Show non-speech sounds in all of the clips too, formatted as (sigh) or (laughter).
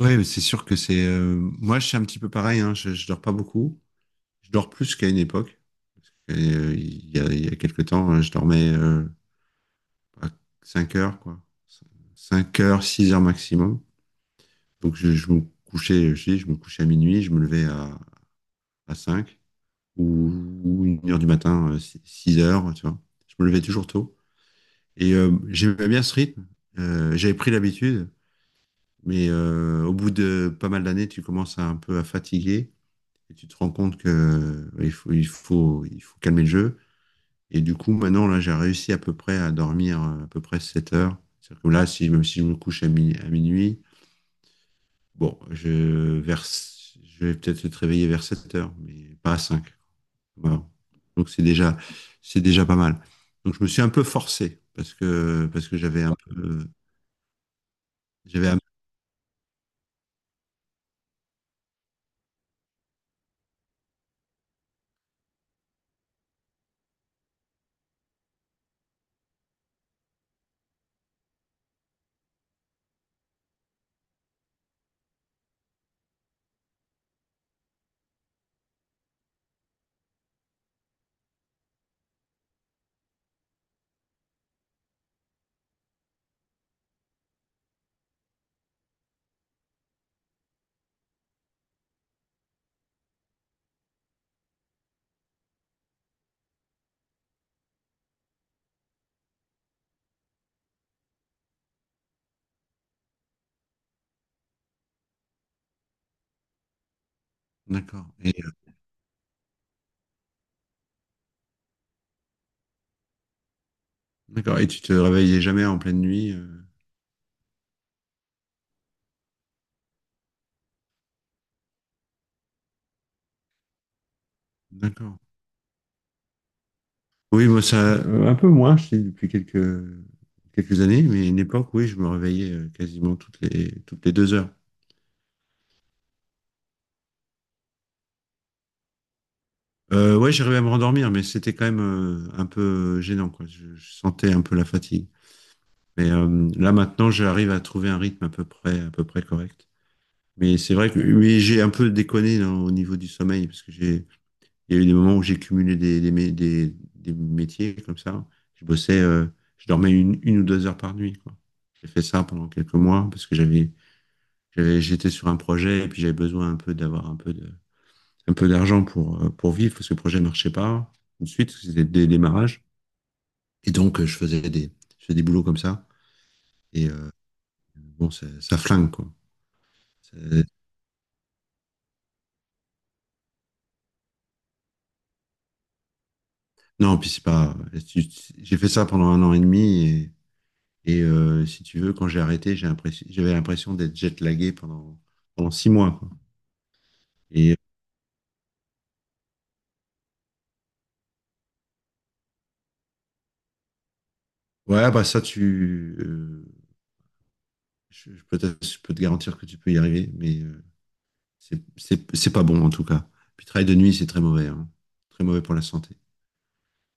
Ouais, mais c'est sûr que c'est. Moi, je suis un petit peu pareil, hein. Je dors pas beaucoup. Je dors plus qu'à une époque. Il y a quelques temps, je dormais à 5 heures, quoi. Cinq heures, 6 heures maximum. Donc, je me couchais, je me couchais à minuit, je me levais à 5 ou, ou une heure du matin, six 6 heures, tu vois. Je me levais toujours tôt. Et j'aimais bien ce rythme. J'avais pris l'habitude, mais au bout de pas mal d'années, tu commences un peu à fatiguer. Et tu te rends compte que il faut calmer le jeu. Et du coup, maintenant, là, j'ai réussi à peu près à dormir, à peu près 7 heures. C'est-à-dire que là, si, même si je me couche à minuit, bon, vers, je vais peut-être être réveillé vers 7 heures, mais pas à cinq. Voilà. Donc, c'est déjà pas mal. Donc, je me suis un peu forcé parce que j'avais un peu, j'avais un- d'accord. Et, d'accord. Et tu te réveillais jamais en pleine nuit, d'accord. Oui, moi, ça, un peu moins, je dis, depuis quelques années, mais à une époque, oui, je me réveillais, quasiment toutes les 2 heures. Ouais, j'arrivais à me rendormir, mais c'était quand même, un peu gênant, quoi. Je sentais un peu la fatigue. Mais là, maintenant, j'arrive à trouver un rythme à peu près correct. Mais c'est vrai que oui, j'ai un peu déconné au niveau du sommeil, parce que il y a eu des moments où j'ai cumulé des métiers comme ça. Je bossais, je dormais une ou deux heures par nuit, quoi. J'ai fait ça pendant quelques mois, parce que j'étais sur un projet et puis j'avais besoin un peu d'avoir un peu d'argent pour vivre parce que le projet marchait pas tout de suite, parce que c'était des démarrages. Et donc, je faisais des boulots comme ça. Et bon, ça flingue, quoi. C'est- Non, puis c'est pas, j'ai fait ça pendant un an et demi, et si tu veux, quand j'ai arrêté, j'avais l'impression d'être jet-lagué pendant 6 mois, quoi. Et ouais, bah ça, peut-être, je peux te garantir que tu peux y arriver, mais c'est pas bon en tout cas. Puis travail de nuit, c'est très mauvais, hein. Très mauvais pour la santé.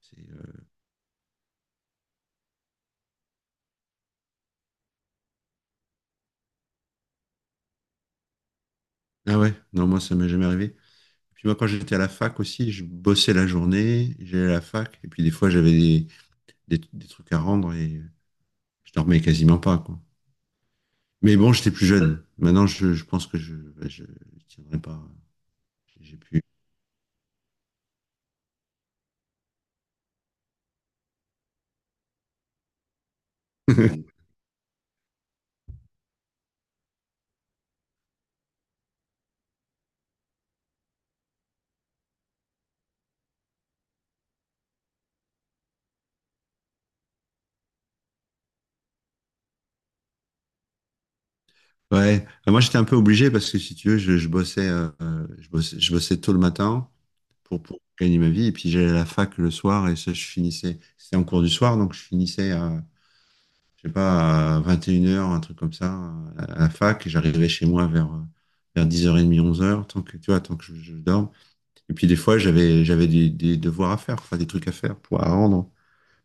C'est, euh, Ah ouais, non, moi ça m'est jamais arrivé. Puis moi, quand j'étais à la fac aussi, je bossais la journée, j'allais à la fac, et puis des fois j'avais des trucs à rendre et je dormais quasiment pas, quoi. Mais bon, j'étais plus jeune. Maintenant, je pense que je, bah, je tiendrai pas. J'ai pu. (laughs) Ouais. Moi, j'étais un peu obligé parce que si tu veux, je bossais tôt le matin pour gagner ma vie. Et puis j'allais à la fac le soir et ça, je finissais. C'était en cours du soir, donc je finissais je sais pas, à 21 heures un truc comme ça, à la fac. Et j'arrivais chez moi vers 10h30, 11 heures, tu vois, tant que je dorme. Et puis des fois, j'avais des devoirs à faire, enfin des trucs à faire pour à rendre.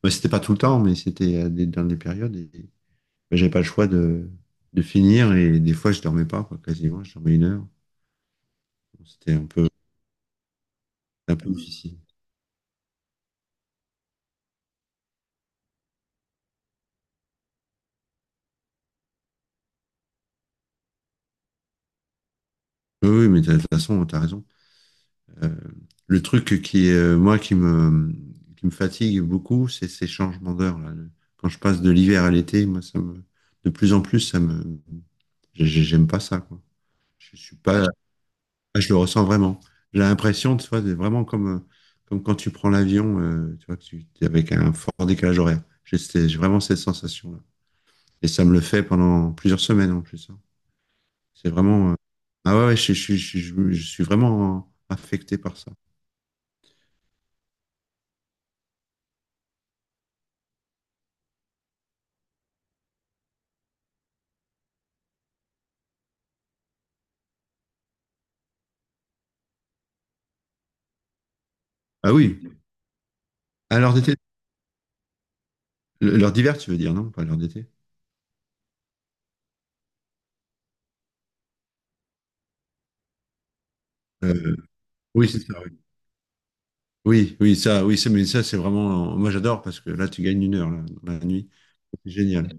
Mais c'était pas tout le temps, mais c'était dans des périodes. Et j'avais pas le choix de finir. Et des fois, je dormais pas, quoi, quasiment. Je dormais une heure. C'était un peu difficile. Oui, oui, mais de toute façon, t'as raison. Euh, le truc qui est moi qui me fatigue beaucoup, c'est ces changements d'heure. Là. Quand je passe de l'hiver à l'été, moi, de plus en plus, ça me, j'ai- j'aime pas ça, quoi. Je suis pas, là, Je le ressens vraiment. J'ai l'impression, tu vois, c'est vraiment comme quand tu prends l'avion, tu vois, que tu es avec un fort décalage horaire. J'ai vraiment cette sensation-là. Et ça me le fait pendant plusieurs semaines en plus, hein. C'est vraiment, euh, ah ouais, ouais, je suis vraiment affecté par ça. Ah oui. Alors, d'été L'heure d'hiver, tu veux dire, non? Pas l'heure d'été? Euh, oui, c'est ça. Oui, oui, oui, ça, oui, mais ça, c'est vraiment. Moi, j'adore parce que là, tu gagnes une heure là, dans la nuit. C'est génial.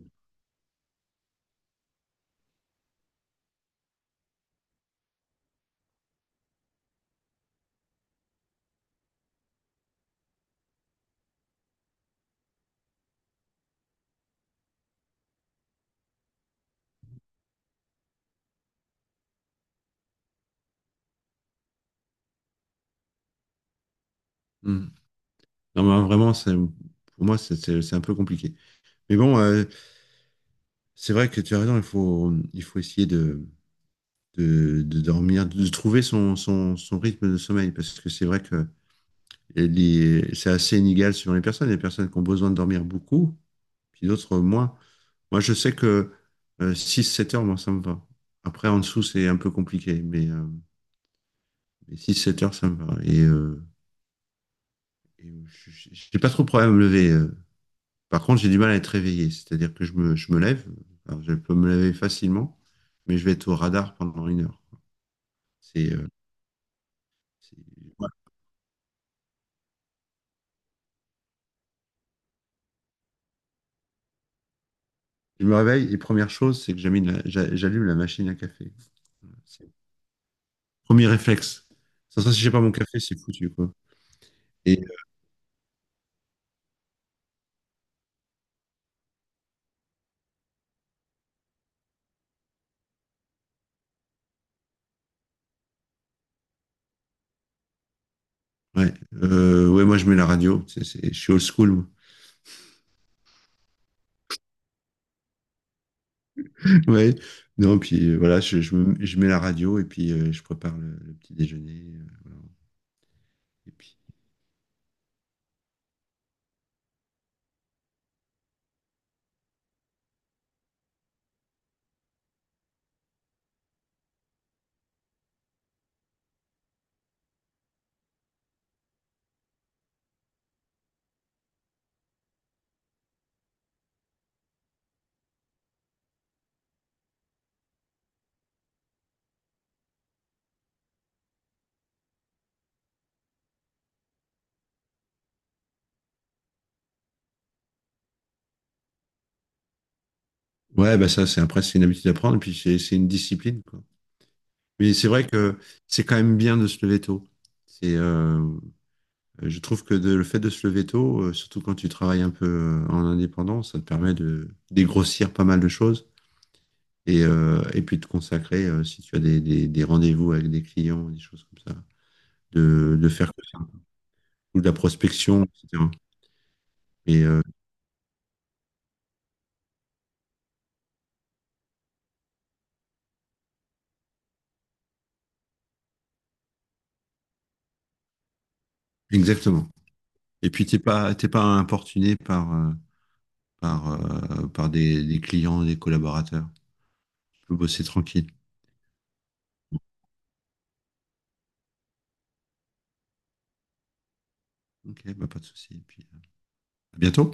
Mm. Non, mais vraiment, c'est pour moi, c'est un peu compliqué. Mais bon, c'est vrai que tu as raison. Il faut essayer de dormir, de trouver son rythme de sommeil parce que c'est vrai que c'est assez inégal selon les personnes. Il y a des personnes qui ont besoin de dormir beaucoup puis d'autres moins. Moi, je sais que, six sept heures, moi, ça me va. Après, en dessous, c'est un peu compliqué, mais, six sept heures, ça me va. Et j'ai pas trop de problème à me lever. Par contre, j'ai du mal à être réveillé, c'est-à-dire que je me lève. Alors, je peux me lever facilement, mais je vais être au radar pendant une heure. C'est, euh, c'est- ouais. Je me réveille et première chose, c'est que j'allume la machine à café. C'est le premier réflexe. Sans ça, si j'ai pas mon café, c'est foutu, quoi. Et ouais, ouais, moi je mets la radio, je suis old school, moi. (laughs) Ouais, non, puis voilà, je mets la radio et puis je prépare le petit déjeuner. Et puis, ouais, bah ça, c'est après, c'est une habitude à prendre, puis c'est une discipline, quoi. Mais c'est vrai que c'est quand même bien de se lever tôt. C'est, euh, je trouve que le fait de se lever tôt, surtout quand tu travailles un peu, en indépendant, ça te permet de dégrossir pas mal de choses et puis de consacrer, si tu as des rendez-vous avec des clients, des choses comme ça. De faire que ça, ou de la prospection, etc. Et euh, Exactement. Et puis t'es pas importuné par par des clients, des collaborateurs. Tu peux bosser tranquille. Ok, bah pas de souci. Et puis à bientôt.